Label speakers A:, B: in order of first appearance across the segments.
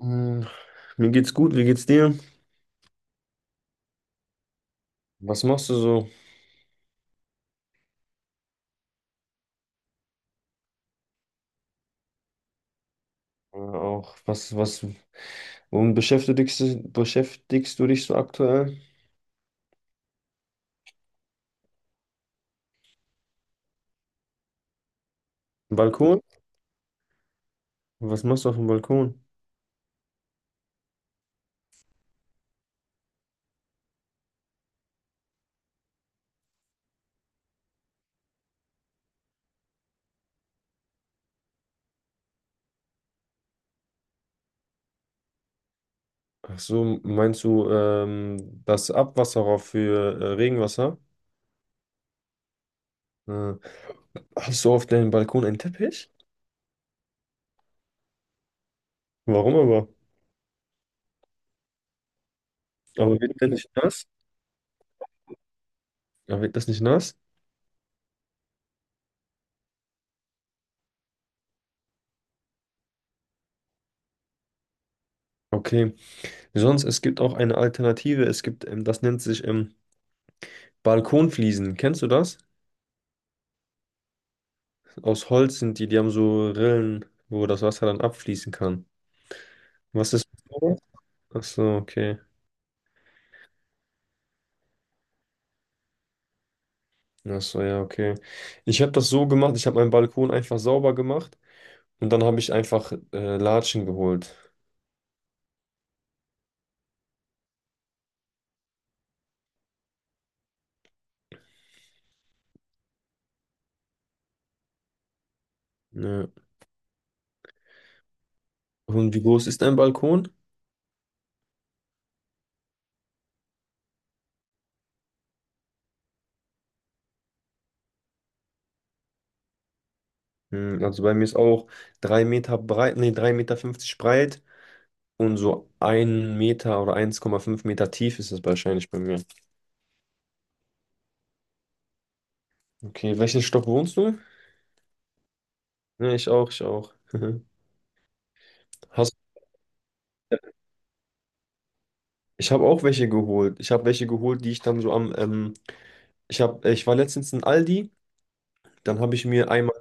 A: Hm. Mir geht's gut, wie geht's dir? Was machst du so? Auch womit beschäftigst du dich so aktuell? Balkon? Was machst du auf dem Balkon? Ach so, meinst du das Abwasserrohr für Regenwasser? Äh, hast du auf deinem Balkon einen Teppich? Warum aber? Aber wird der nicht nass? Aber wird das nicht nass? Okay. Sonst, es gibt auch eine Alternative. Es gibt, das nennt sich Balkonfliesen. Kennst du das? Aus Holz sind die, die haben so Rillen, wo das Wasser dann abfließen kann. Was ist mit sowas? Ach so, okay. Ach so, ja, okay. Ich habe das so gemacht, ich habe meinen Balkon einfach sauber gemacht und dann habe ich einfach Latschen geholt. Ja. Und wie groß ist dein Balkon? Also bei mir ist auch 3 Meter breit, nee, 3,50 Meter breit und so 1 Meter oder 1,5 Meter tief ist es wahrscheinlich bei mir. Okay, welchen Stock wohnst du? Ja, ich auch, ich auch. Hast Ich habe auch welche geholt. Ich habe welche geholt, die ich dann so am, ich war letztens in Aldi, dann habe ich mir einmal,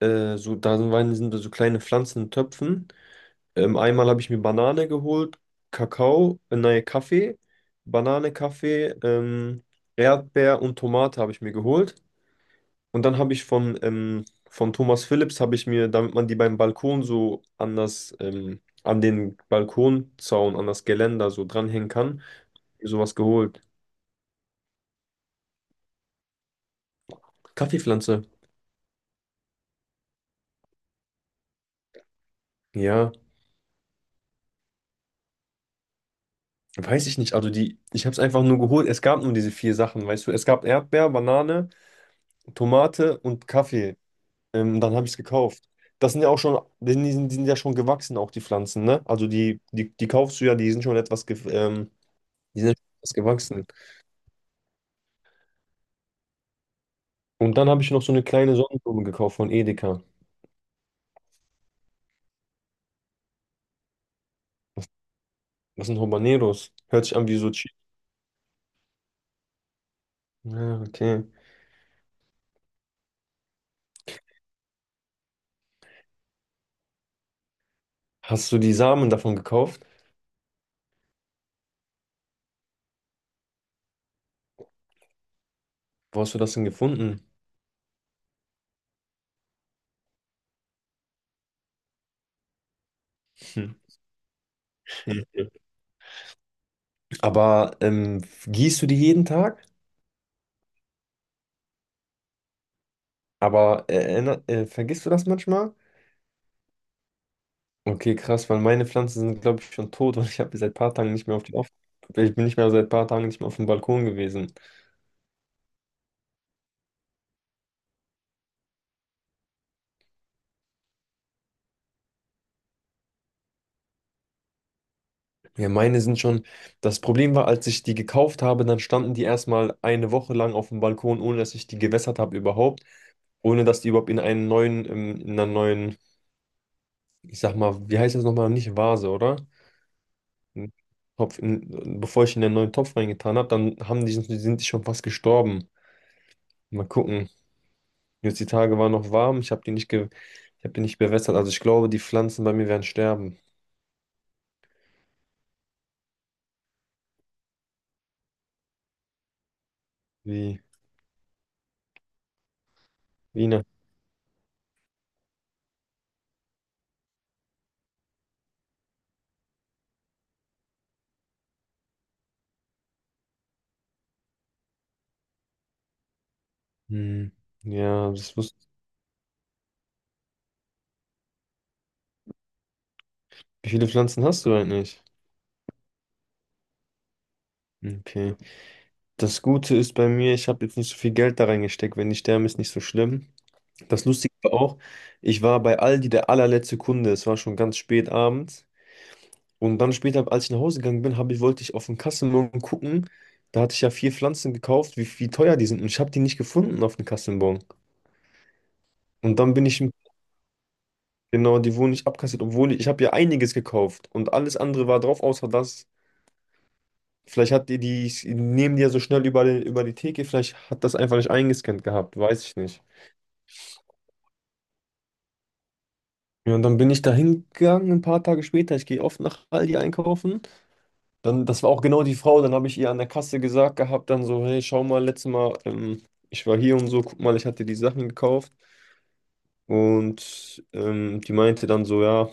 A: so, da sind so kleine Pflanzen in Töpfen. Einmal habe ich mir Banane geholt, Kakao, nein, Kaffee, Banane, Kaffee, Erdbeer und Tomate habe ich mir geholt. Und dann habe ich von Thomas Philips habe ich mir, damit man die beim Balkon so an das, an den Balkonzaun, an das Geländer so dranhängen kann, mir sowas geholt. Kaffeepflanze. Ja, weiß ich nicht. Also ich habe es einfach nur geholt. Es gab nur diese vier Sachen, weißt du. Es gab Erdbeer, Banane, Tomate und Kaffee. Dann habe ich es gekauft. Das sind ja auch schon, die sind ja schon gewachsen, auch die Pflanzen, ne? Also die kaufst du ja, die sind schon etwas, ge die sind schon etwas gewachsen. Und dann habe ich noch so eine kleine Sonnenblume gekauft von Edeka. Das sind Habaneros. Hört sich an wie so Chi. Ja, okay. Hast du die Samen davon gekauft? Wo hast du das denn gefunden? Hm. Aber gießt du die jeden Tag? Aber vergisst du das manchmal? Okay, krass. Weil meine Pflanzen sind glaube ich schon tot und ich habe seit ein paar Tagen nicht mehr auf den auf ich bin nicht mehr seit ein paar Tagen nicht mehr auf dem Balkon gewesen. Ja, meine sind schon. Das Problem war, als ich die gekauft habe, dann standen die erst mal eine Woche lang auf dem Balkon, ohne dass ich die gewässert habe überhaupt, ohne dass die überhaupt in einen neuen in einer neuen, ich sag mal, wie heißt das noch mal, nicht Vase, oder Topf, bevor ich in den neuen Topf reingetan habe, dann haben die sind die schon fast gestorben. Mal gucken. Jetzt die Tage waren noch warm, ich habe die nicht bewässert. Also ich glaube, die Pflanzen bei mir werden sterben. Wie Wiener. Hm. Ja. das wusste Wie viele Pflanzen hast du eigentlich? Okay. Das Gute ist bei mir, ich habe jetzt nicht so viel Geld da reingesteckt. Wenn die sterben, ist nicht so schlimm. Das Lustige war auch, ich war bei Aldi der allerletzte Kunde. Es war schon ganz spät abends. Und dann später, als ich nach Hause gegangen bin, wollte ich auf den Kassenbon gucken. Da hatte ich ja vier Pflanzen gekauft, wie teuer die sind. Und ich habe die nicht gefunden auf dem Kassenbon. Und dann bin ich Genau, die wurden nicht abkassiert, obwohl ich habe ja einiges gekauft und alles andere war drauf, außer das. Vielleicht hat die, die nehmen die ja so schnell über die Theke, vielleicht hat das einfach nicht eingescannt gehabt, weiß ich nicht. Ja, und dann bin ich da hingegangen ein paar Tage später. Ich gehe oft nach Aldi einkaufen. Dann, das war auch genau die Frau. Dann habe ich ihr an der Kasse gesagt gehabt, dann so, hey, schau mal, letztes Mal, ich war hier und so, guck mal, ich hatte die Sachen gekauft. Und die meinte dann so, ja,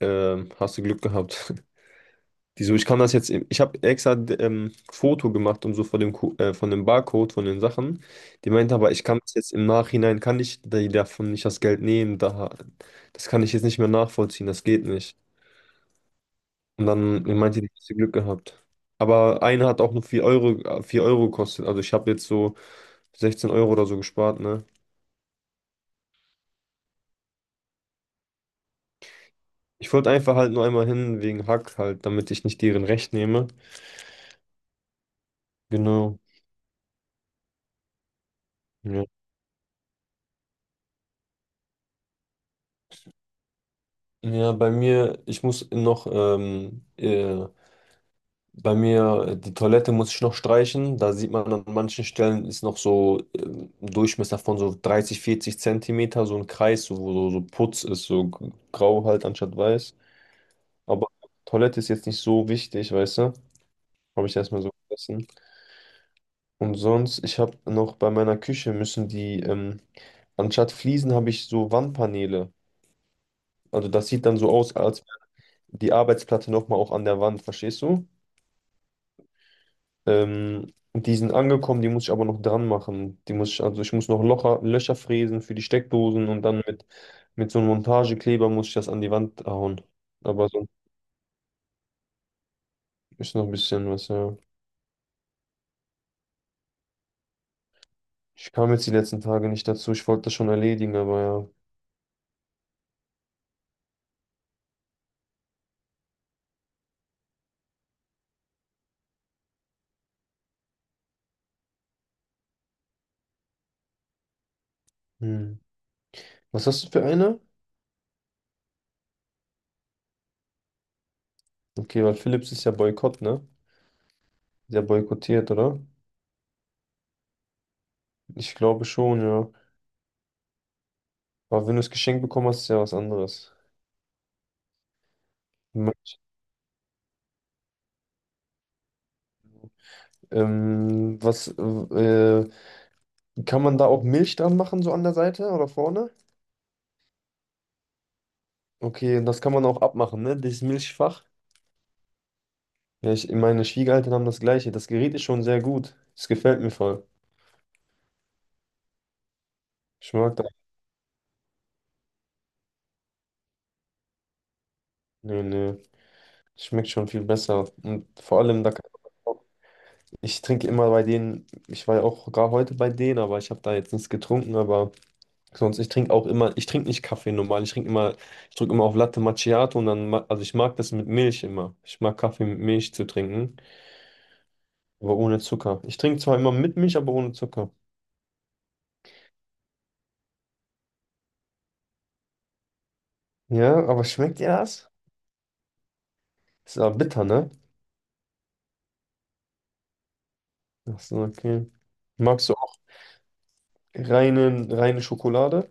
A: hast du Glück gehabt. Wieso, ich kann das jetzt, ich habe extra Foto gemacht und so von dem Barcode, von den Sachen. Die meinte aber, ich kann das jetzt im Nachhinein, kann ich die davon nicht das Geld nehmen, da, das kann ich jetzt nicht mehr nachvollziehen, das geht nicht. Und dann meinte die, hast du Glück gehabt. Aber eine hat auch nur 4 Euro gekostet, also ich habe jetzt so 16 Euro oder so gespart, ne? Ich wollte einfach halt nur einmal hin wegen Hack halt, damit ich nicht deren Recht nehme. Genau. Ja. Ja, bei mir, die Toilette muss ich noch streichen. Da sieht man an manchen Stellen ist noch so ein Durchmesser von so 30, 40 Zentimeter, so ein Kreis, so, wo so, so Putz ist, so grau halt anstatt weiß. Aber Toilette ist jetzt nicht so wichtig, weißt du? Habe ich erstmal so vergessen. Und sonst, ich habe noch bei meiner Küche müssen anstatt Fliesen habe ich so Wandpaneele. Also das sieht dann so aus, als wäre die Arbeitsplatte nochmal auch an der Wand, verstehst du? Die sind angekommen, die muss ich aber noch dran machen. Also ich muss noch Löcher fräsen für die Steckdosen und dann mit so einem Montagekleber muss ich das an die Wand hauen. Aber so ist noch ein bisschen was, ja. Ich kam jetzt die letzten Tage nicht dazu. Ich wollte das schon erledigen, aber ja. Hm. Was hast du für eine? Okay, weil Philips ist ja Boykott, ne? Ist ja boykottiert, oder? Ich glaube schon, ja. Aber wenn du es geschenkt bekommen hast, ist ja was anderes. Ähm, was, äh, Kann man da auch Milch dran machen, so an der Seite oder vorne? Okay, und das kann man auch abmachen, ne? Dieses Milchfach. Ja, meine Schwiegereltern haben das gleiche. Das Gerät ist schon sehr gut. Es gefällt mir voll. Ich mag das. Nö, nö. Schmeckt schon viel besser. Und vor allem, da kann ich trinke immer bei denen, ich war ja auch gar heute bei denen, aber ich habe da jetzt nichts getrunken, aber sonst, ich trinke auch immer, ich trinke nicht Kaffee normal, ich trinke immer, ich drücke immer auf Latte Macchiato und dann, also ich mag das mit Milch immer. Ich mag Kaffee mit Milch zu trinken. Aber ohne Zucker. Ich trinke zwar immer mit Milch, aber ohne Zucker. Ja, aber schmeckt dir das? Ist aber bitter, ne? Ach so, okay. Magst du auch reine, reine Schokolade?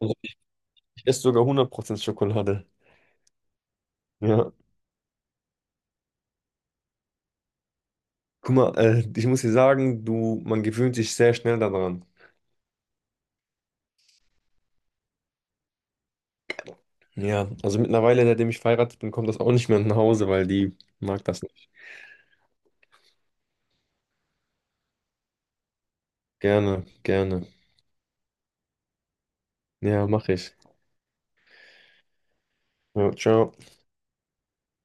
A: Also ich esse sogar 100% Schokolade. Ja. Guck mal, ich muss dir sagen, du, man gewöhnt sich sehr schnell daran. Ja, also mittlerweile, seitdem ich verheiratet bin, kommt das auch nicht mehr nach Hause, weil die mag das nicht. Gerne, gerne. Ja, mach ich. Ja, ciao.